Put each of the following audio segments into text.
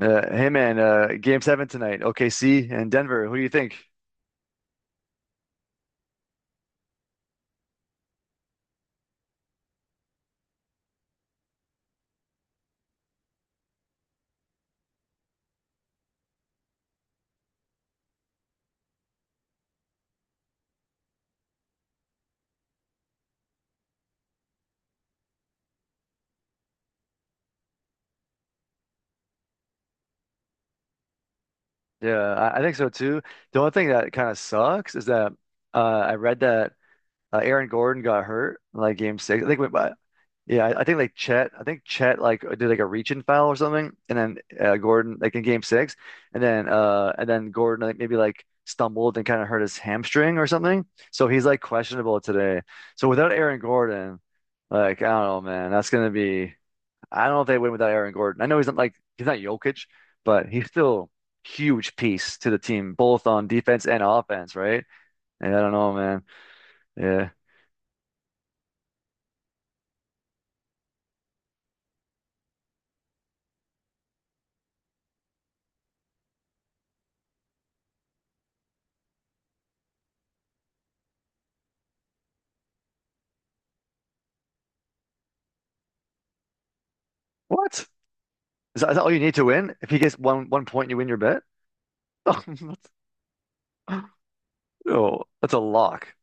Hey man, game seven tonight, OKC and Denver. Who do you think? Yeah, I think so too. The only thing that kind of sucks is that I read that Aaron Gordon got hurt in, like game six. I think, we, but yeah, I think like Chet, I think Chet like did like a reach-in foul or something, and then Gordon like in game six, and then Gordon like maybe like stumbled and kind of hurt his hamstring or something. So he's like questionable today. So without Aaron Gordon, like I don't know, man, that's gonna be. I don't know if they win without Aaron Gordon. I know he's not like he's not Jokic, but he's still huge piece to the team, both on defense and offense, right? And I don't know, man. Yeah. What? Is that all you need to win? If he gets one point, you win your bet? Oh, that's... No, that's a lock.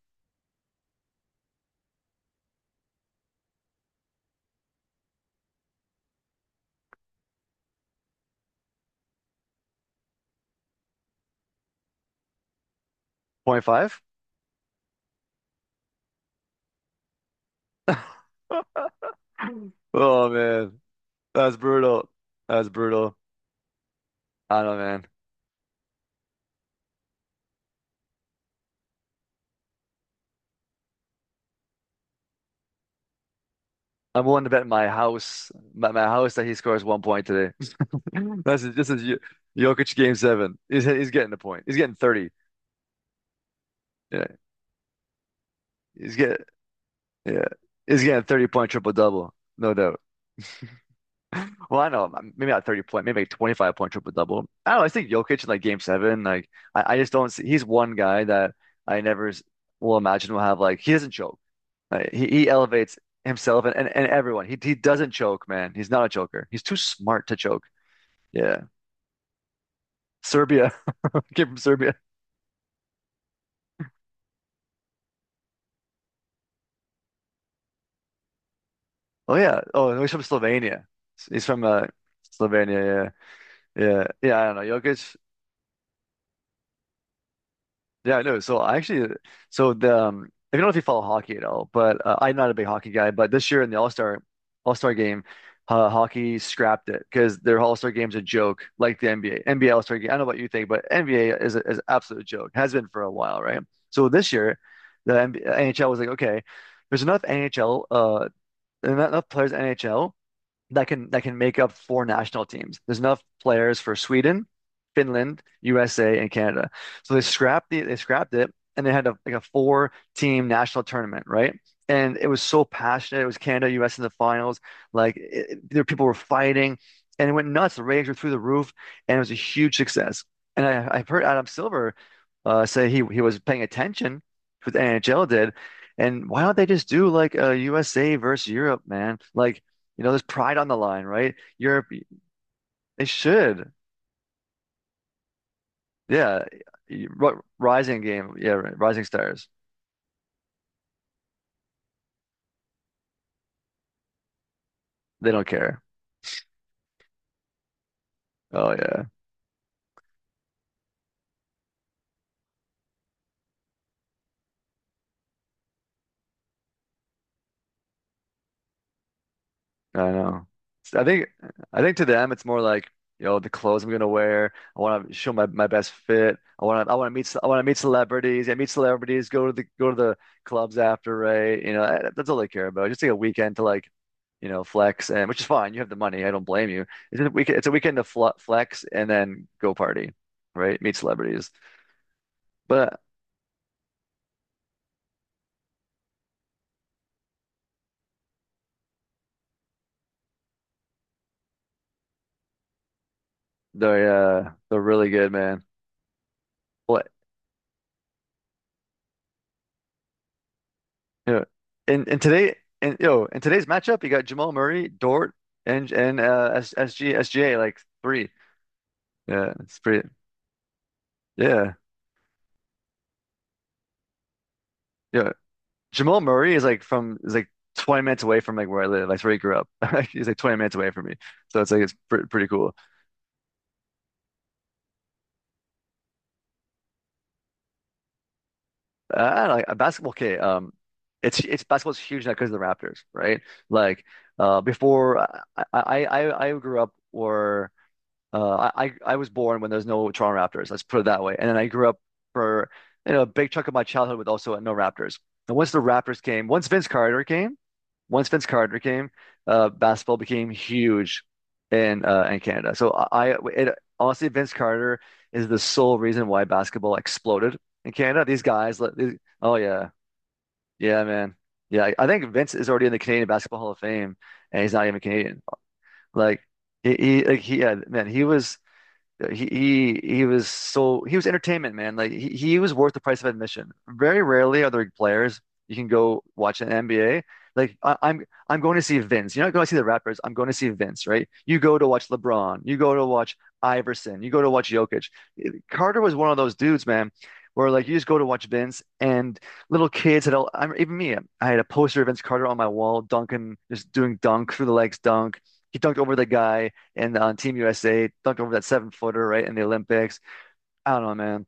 Point five. Oh man. That's brutal. That's brutal. I don't know, man. I'm willing to bet my house, my house that he scores 1 point today. That's this is Yo- Jokic game seven. He's getting the point. He's getting 30. Yeah. He's getting yeah. He's getting 30 point triple double. No doubt. Well, I know maybe not 30 point, maybe like 25 point triple double. I don't know. I think Jokic in like game seven, like I just don't see he's one guy that I never s- will imagine will have like he doesn't choke. Like, he elevates himself and everyone. He doesn't choke, man. He's not a choker. He's too smart to choke. Yeah. Serbia. Came from Serbia. Oh yeah. Oh, no, he's from Slovenia. He's from Slovenia. Yeah. I don't know. Jokic. Yeah, I know. So I actually, so the I don't know if you follow hockey at all, but I'm not a big hockey guy. But this year in the All-Star game, hockey scrapped it because their All-Star game's a joke, like the NBA All-Star game. I don't know what you think, but NBA is a, is an absolute joke. Has been for a while, right? So this year, the NBA, NHL was like, okay, there's enough NHL, enough players in NHL that can make up four national teams. There's enough players for Sweden, Finland, USA, and Canada. So they scrapped it and they had a, like a four team national tournament, right? And it was so passionate. It was Canada, US in the finals. Like it, there, people were fighting, and it went nuts. The ratings were through the roof, and it was a huge success. And I've heard Adam Silver say he was paying attention to what the NHL did. And why don't they just do like a USA versus Europe, man? Like you know, there's pride on the line, right? Europe, they should. Yeah. Rising game. Yeah. Rising Stars. They don't care. Oh, yeah. I know. So I think to them it's more like, you know, the clothes I'm gonna wear. I want to show my, my best fit. I want to meet ce- I want to meet celebrities. Yeah, meet celebrities. Go to the clubs after, right? You know, eh, that's all they care about. Just take a weekend to like, you know, flex and which is fine. You have the money. I don't blame you. It's a weekend. It's a weekend to fl flex and then go party, right? Meet celebrities. But they're really good, man. Well, yeah. And today and yo, in today's matchup, you got Jamal Murray, Dort, and S SG SGA like three. Yeah, it's pretty yeah. Yeah. Jamal Murray is like 20 minutes away from like where I live. That's where he grew up. He's like 20 minutes away from me. So it's like it's pr pretty cool. I don't know, like basketball okay, it's basketball's huge now because of the Raptors, right? Like before I I grew up where I was born when there's no Toronto Raptors. Let's put it that way. And then I grew up for you know a big chunk of my childhood with also no Raptors. And once the Raptors came, once Vince Carter came, basketball became huge in Canada. So I- it, honestly, Vince Carter is the sole reason why basketball exploded in Canada. These guys, let- these, oh yeah, yeah, man, yeah. I think Vince is already in the Canadian Basketball Hall of Fame, and he's not even Canadian. Like he, yeah, man, he was uh, He he was so he was entertainment, man. Like he was worth the price of admission. Very rarely are there players you can go watch an NBA. Like I'm going to see Vince. You're not going to see the rappers. I'm going to see Vince, right? You go to watch LeBron. You go to watch Iverson. You go to watch Jokic. Carter was one of those dudes, man, where like you just go to watch Vince and little kids had all. I'm even me. I had a poster of Vince Carter on my wall, dunking, just doing dunk through the legs, dunk. He dunked over the guy and on Team USA, dunked over that seven footer, right, in the Olympics. I don't know, man.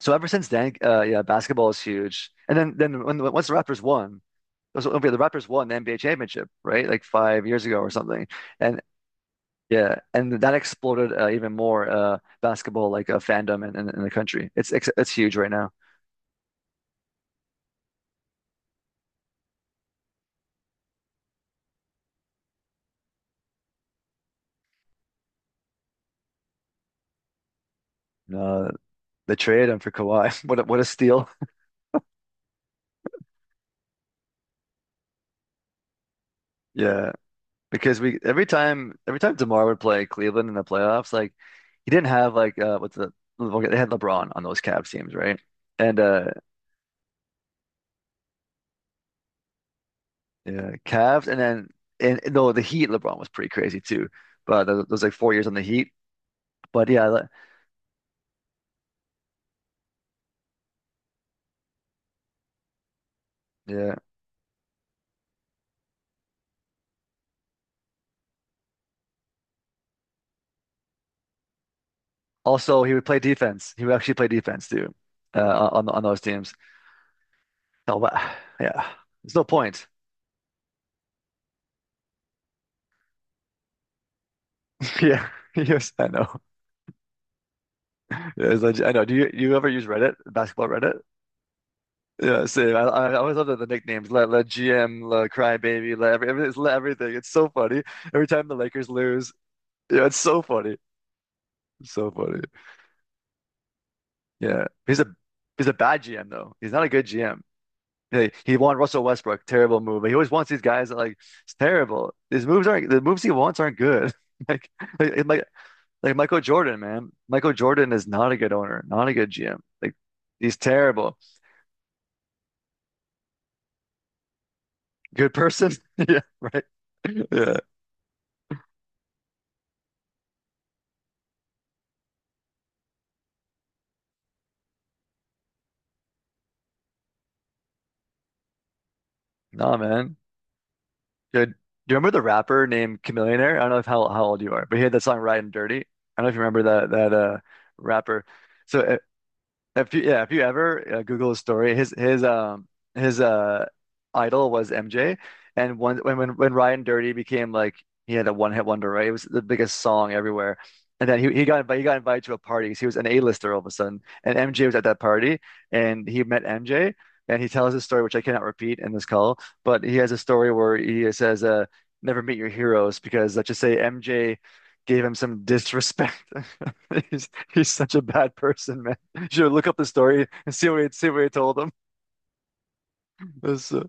So ever since then, yeah, basketball is huge. And then when once the Raptors won, it was, okay, the Raptors won the NBA championship, right, like 5 years ago or something. And yeah, and that exploded even more basketball like fandom in the country. It's huge right now. Uh, the trade and for Kawhi, what a steal! Yeah. Because we every time DeMar would play Cleveland in the playoffs, like he didn't have like what's the okay, they had LeBron on those Cavs teams, right? And yeah, Cavs and then and no the Heat LeBron was pretty crazy too. But th- those like 4 years on the Heat. But yeah, le- yeah. Also he would play defense. He would actually play defense too. On those teams. Oh but yeah. There's no point. Yeah. Yes, I know. Yes, I know. Do you ever use Reddit, basketball Reddit? Yeah, same. I always love the nicknames. La, La GM, La Crybaby, it's La everything. It's so funny. Every time the Lakers lose, yeah, it's so funny. It's so funny. Yeah, he's a bad GM though. He's not a good GM. He won Russell Westbrook. Terrible move. But He always wants these guys that like it's terrible. His moves aren't the moves he wants aren't good. Like like like, like Michael Jordan, man. Michael Jordan is not a good owner. Not a good GM. Like he's terrible. Good person. Yeah, right. Yeah. Nah, man. Dude, do you remember the rapper named Chamillionaire? I don't know if how, how old you are, but he had that song "Riding Dirty." I don't know if you remember that that rapper. So if you yeah, if you ever Google his story, his idol was MJ, and when Ryan Dirty became like he had a one hit wonder, right? It was the biggest song everywhere, and then he got invited to a party. So he was an A-lister all of a sudden, and MJ was at that party, and he met MJ, and he tells his story, which I cannot repeat in this call, but he has a story where he says, never meet your heroes," because let's just say MJ gave him some disrespect. He's he's such a bad person. You should look up the story and see what he told them. It's,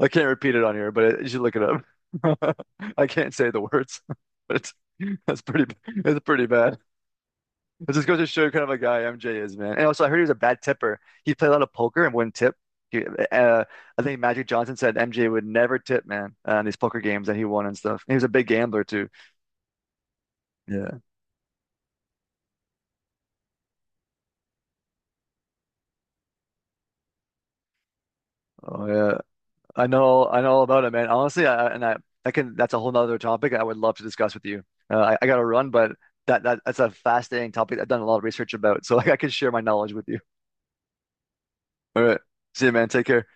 I can't repeat it on here, but it, you should look it up. I can't say the words, but it's that's pretty it's pretty bad. It just goes to show you kind of a guy MJ is, man. And also, I heard he was a bad tipper. He played a lot of poker and wouldn't tip. He, uh, I think Magic Johnson said MJ would never tip, man, on these poker games that he won and stuff. And he was a big gambler too. Yeah. Oh yeah. I know all about it, man. Honestly, I can. That's a whole nother topic I would love to discuss with you. I got to run, but that's a fascinating topic. I've done a lot of research about, so like, I can share my knowledge with you. All right, see you, man. Take care.